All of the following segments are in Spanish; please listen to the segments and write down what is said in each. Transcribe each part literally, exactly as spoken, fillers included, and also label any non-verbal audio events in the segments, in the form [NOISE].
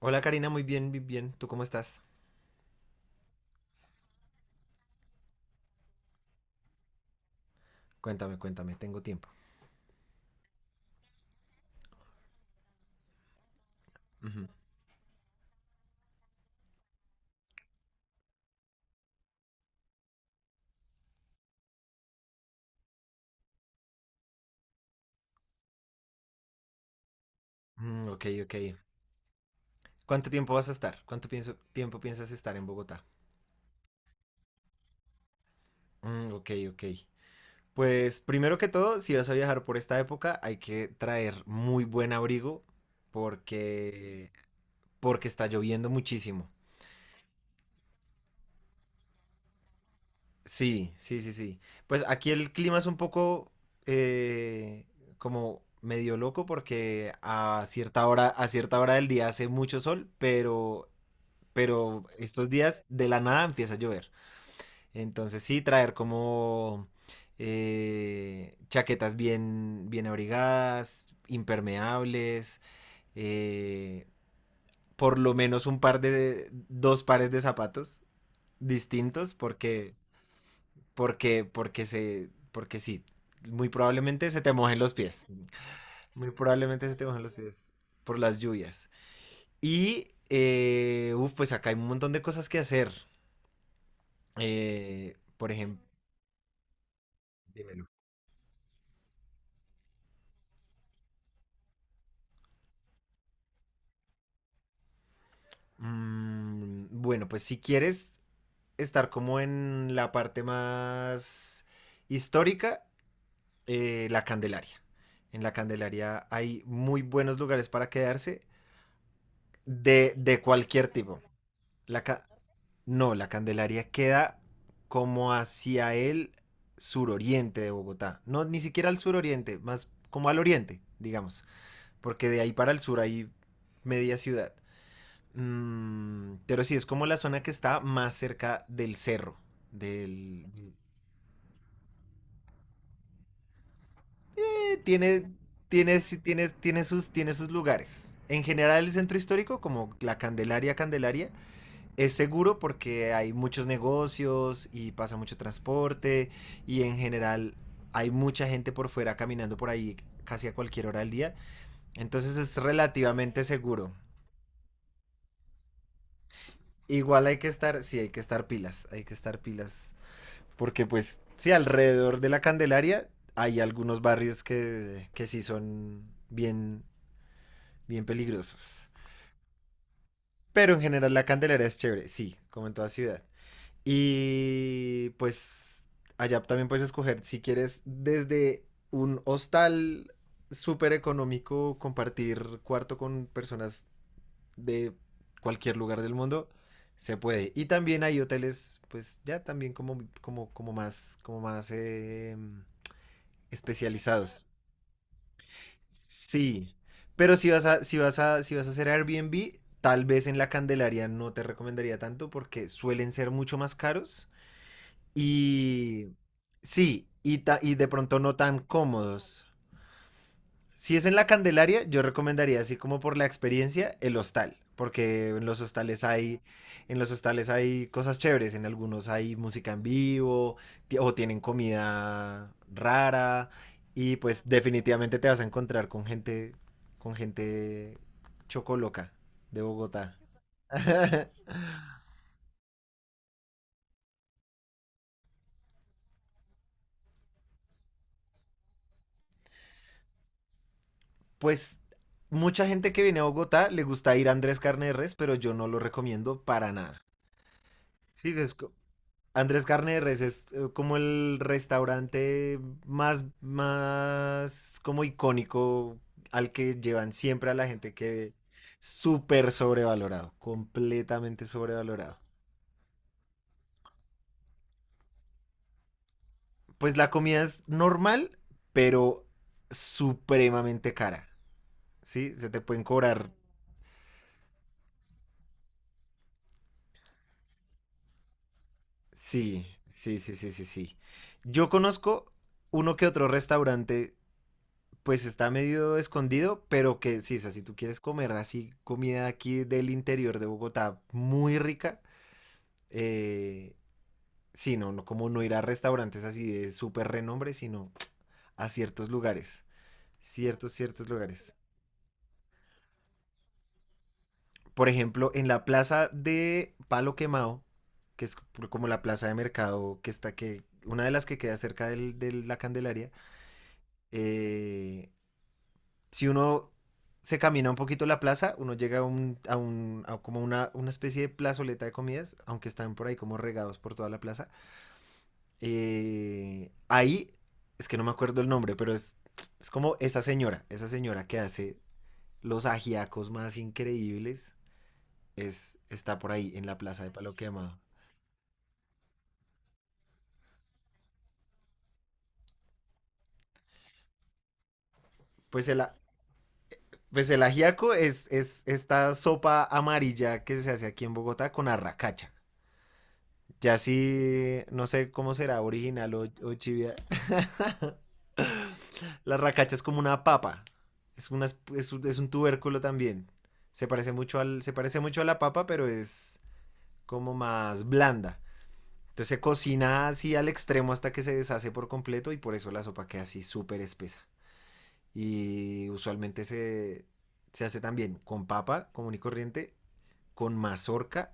Hola Karina, muy bien, muy bien. ¿Tú cómo estás? Cuéntame, cuéntame, tengo tiempo. Ujú. Mm, ok, ok. ¿Cuánto tiempo vas a estar? ¿Cuánto pienso- tiempo piensas estar en Bogotá? Mm, ok, ok. Pues primero que todo, si vas a viajar por esta época, hay que traer muy buen abrigo porque porque está lloviendo muchísimo. Sí, sí, sí, sí. Pues aquí el clima es un poco eh, como medio loco porque a cierta hora, a cierta hora del día hace mucho sol, pero pero estos días de la nada empieza a llover. Entonces sí, traer como eh, chaquetas bien, bien abrigadas, impermeables, eh, por lo menos un par de, dos pares de zapatos distintos, porque, porque, porque se, porque sí, muy probablemente se te mojen los pies. Muy probablemente se te mojen los pies por las lluvias. Y, eh, uf, pues acá hay un montón de cosas que hacer. Eh, por ejemplo, dímelo. Mm, bueno, pues si quieres estar como en la parte más histórica, eh, la Candelaria. En la Candelaria hay muy buenos lugares para quedarse de, de cualquier tipo. La ca- no, la Candelaria queda como hacia el suroriente de Bogotá. No, ni siquiera al suroriente, más como al oriente, digamos. Porque de ahí para el sur hay media ciudad. Mm, pero sí, es como la zona que está más cerca del cerro. Del... eh, tiene, tiene, sí, tiene- tiene sus, tiene sus lugares. En general, el centro histórico, como la Candelaria Candelaria, es seguro porque hay muchos negocios y pasa mucho transporte y en general hay mucha gente por fuera caminando por ahí casi a cualquier hora del día. Entonces es relativamente seguro. Igual hay que estar, sí, hay que estar pilas, hay que estar pilas. Porque pues, sí, alrededor de la Candelaria hay algunos barrios que, que sí son bien, bien peligrosos. Pero en general la Candelaria es chévere, sí, como en toda ciudad. Y pues allá también puedes escoger si quieres desde un hostal súper económico compartir cuarto con personas de cualquier lugar del mundo se puede. Y también hay hoteles, pues ya también como, como, como más, como más eh, especializados. Sí, pero si vas a, si vas a, si vas a hacer Airbnb, tal vez en la Candelaria no te recomendaría tanto porque suelen ser mucho más caros y sí, y, ta- y de pronto no tan cómodos. Si es en la Candelaria, yo recomendaría así como por la experiencia el hostal, porque en los hostales hay en los hostales hay cosas chéveres, en algunos hay música en vivo ti- o tienen comida rara y pues definitivamente te vas a encontrar con gente con gente chocoloca de Bogotá. [LAUGHS] Pues mucha gente que viene a Bogotá le gusta ir a Andrés Carne de Res, pero yo no lo recomiendo para nada. Sí, es co- Andrés Carneres es eh, como el restaurante más, más como icónico al que llevan siempre a la gente que ve. Súper sobrevalorado, completamente sobrevalorado. Pues la comida es normal, pero supremamente cara. ¿Sí? Se te pueden cobrar. Sí, sí, sí, sí, sí, sí. Yo conozco uno que otro restaurante pues está medio escondido, pero que sí, o sea, si tú quieres comer así comida aquí del interior de Bogotá muy rica, eh, sí, no, no, como no ir a restaurantes así de súper renombre, sino a ciertos lugares, ciertos, ciertos lugares. Por ejemplo, en la plaza de Palo Quemado, que es por- como la plaza de mercado que está, que una de las que queda cerca del- de la Candelaria, eh, si uno se camina un poquito la plaza, uno llega a un, a un a como una, una especie de plazoleta de comidas, aunque están por ahí como regados por toda la plaza. Eh, ahí, es que no me acuerdo el nombre, pero es, es como esa señora, esa señora que hace los ajiacos más increíbles, es, está por ahí en la plaza de Palo Quemado. Pues el, pues el ajiaco es, es esta sopa amarilla que se hace aquí en Bogotá con arracacha. Ya sí, no sé cómo será original o, o chivia. [LAUGHS] La racacha es como una papa. Es, una, es, es un tubérculo también. Se parece, mucho al, se parece mucho a la papa, pero es como más blanda. Entonces se cocina así al extremo hasta que se deshace por completo y por eso la sopa queda así súper espesa. Y usualmente se, se hace también con papa común y corriente, con mazorca,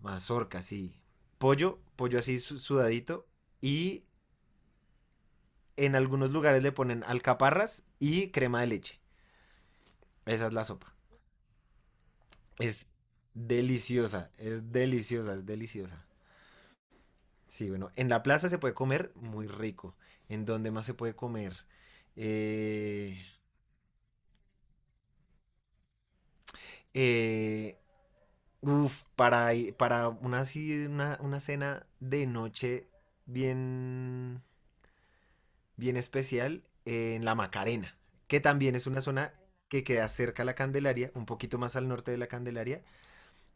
mazorca, sí. Pollo, pollo así su- sudadito y en algunos lugares le ponen alcaparras y crema de leche. Esa es la sopa. Es deliciosa, es deliciosa, es deliciosa. Sí, bueno, en la plaza se puede comer muy rico. ¿En dónde más se puede comer? Eh, eh, uf, para, para una, así, una, una cena de noche bien, bien especial, eh, en la Macarena, que también es una zona que queda cerca a la Candelaria, un poquito más al norte de la Candelaria,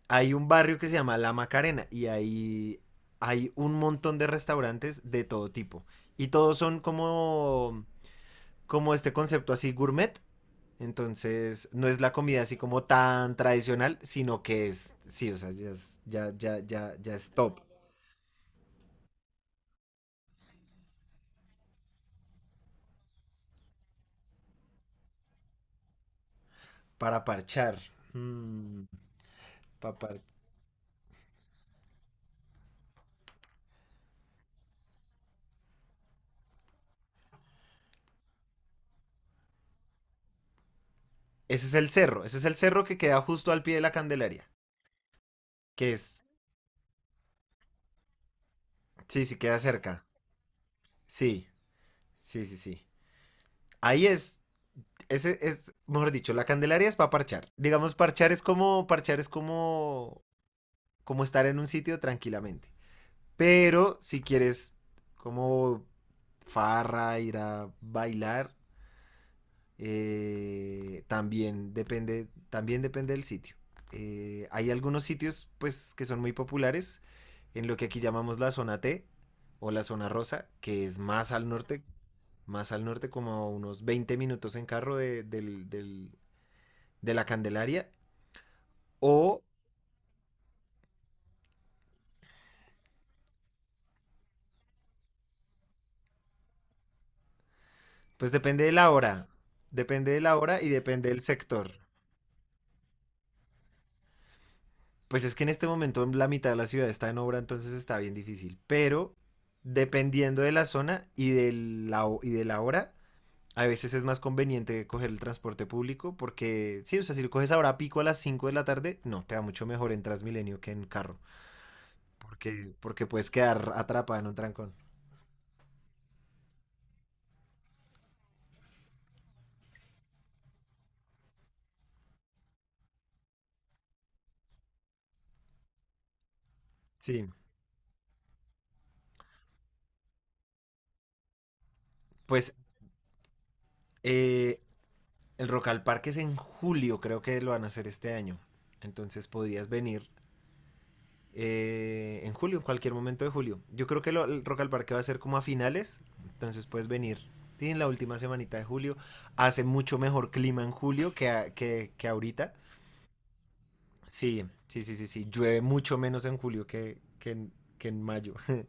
hay un barrio que se llama La Macarena y ahí hay un montón de restaurantes de todo tipo. Y todos son como, como este concepto así gourmet. Entonces, no es la comida así como tan tradicional, sino que es, sí, o sea, ya es, ya, ya, ya, ya es top para parchar. Mm, pa par- ese es el cerro, ese es el cerro que queda justo al pie de la Candelaria, que es, sí, sí, queda cerca. Sí, sí, sí, sí. Ahí es Ese es, mejor dicho, la Candelaria es para parchar. Digamos, parchar es como, parchar es como, como estar en un sitio tranquilamente. Pero si quieres como farra, ir a bailar, eh, también depende, también depende del sitio. Eh, hay algunos sitios, pues, que son muy populares en lo que aquí llamamos la zona T o la zona rosa, que es más al norte, más al norte, como a unos veinte minutos en carro de, del, del, de la Candelaria o pues depende de la hora, depende de la hora y depende del sector. Pues es que en este momento la mitad de la ciudad está en obra, entonces está bien difícil, pero dependiendo de la zona y de la, ho- y de la hora, a veces es más conveniente coger el transporte público porque, sí, o sea, si lo coges ahora a pico a las cinco de la tarde, no, te va mucho mejor en Transmilenio que en carro, porque, porque puedes quedar atrapada en un trancón. Sí, pues eh, el Rock al Parque es en julio, creo que lo van a hacer este año. Entonces podrías venir eh, en julio, en cualquier momento de julio. Yo creo que lo- el Rock al Parque va a ser como a finales, entonces puedes venir sí, en la última semanita de julio. Hace mucho mejor clima en julio que, a- que, que ahorita. Sí, sí, sí, sí, sí. Llueve mucho menos en julio que, que, en- que en mayo. [LAUGHS]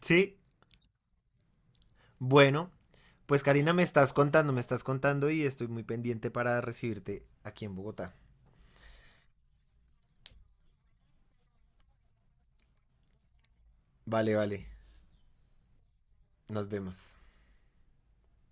Sí, bueno, pues Karina, me estás contando, me estás contando y estoy muy pendiente para recibirte aquí en Bogotá. Vale, vale. Nos vemos.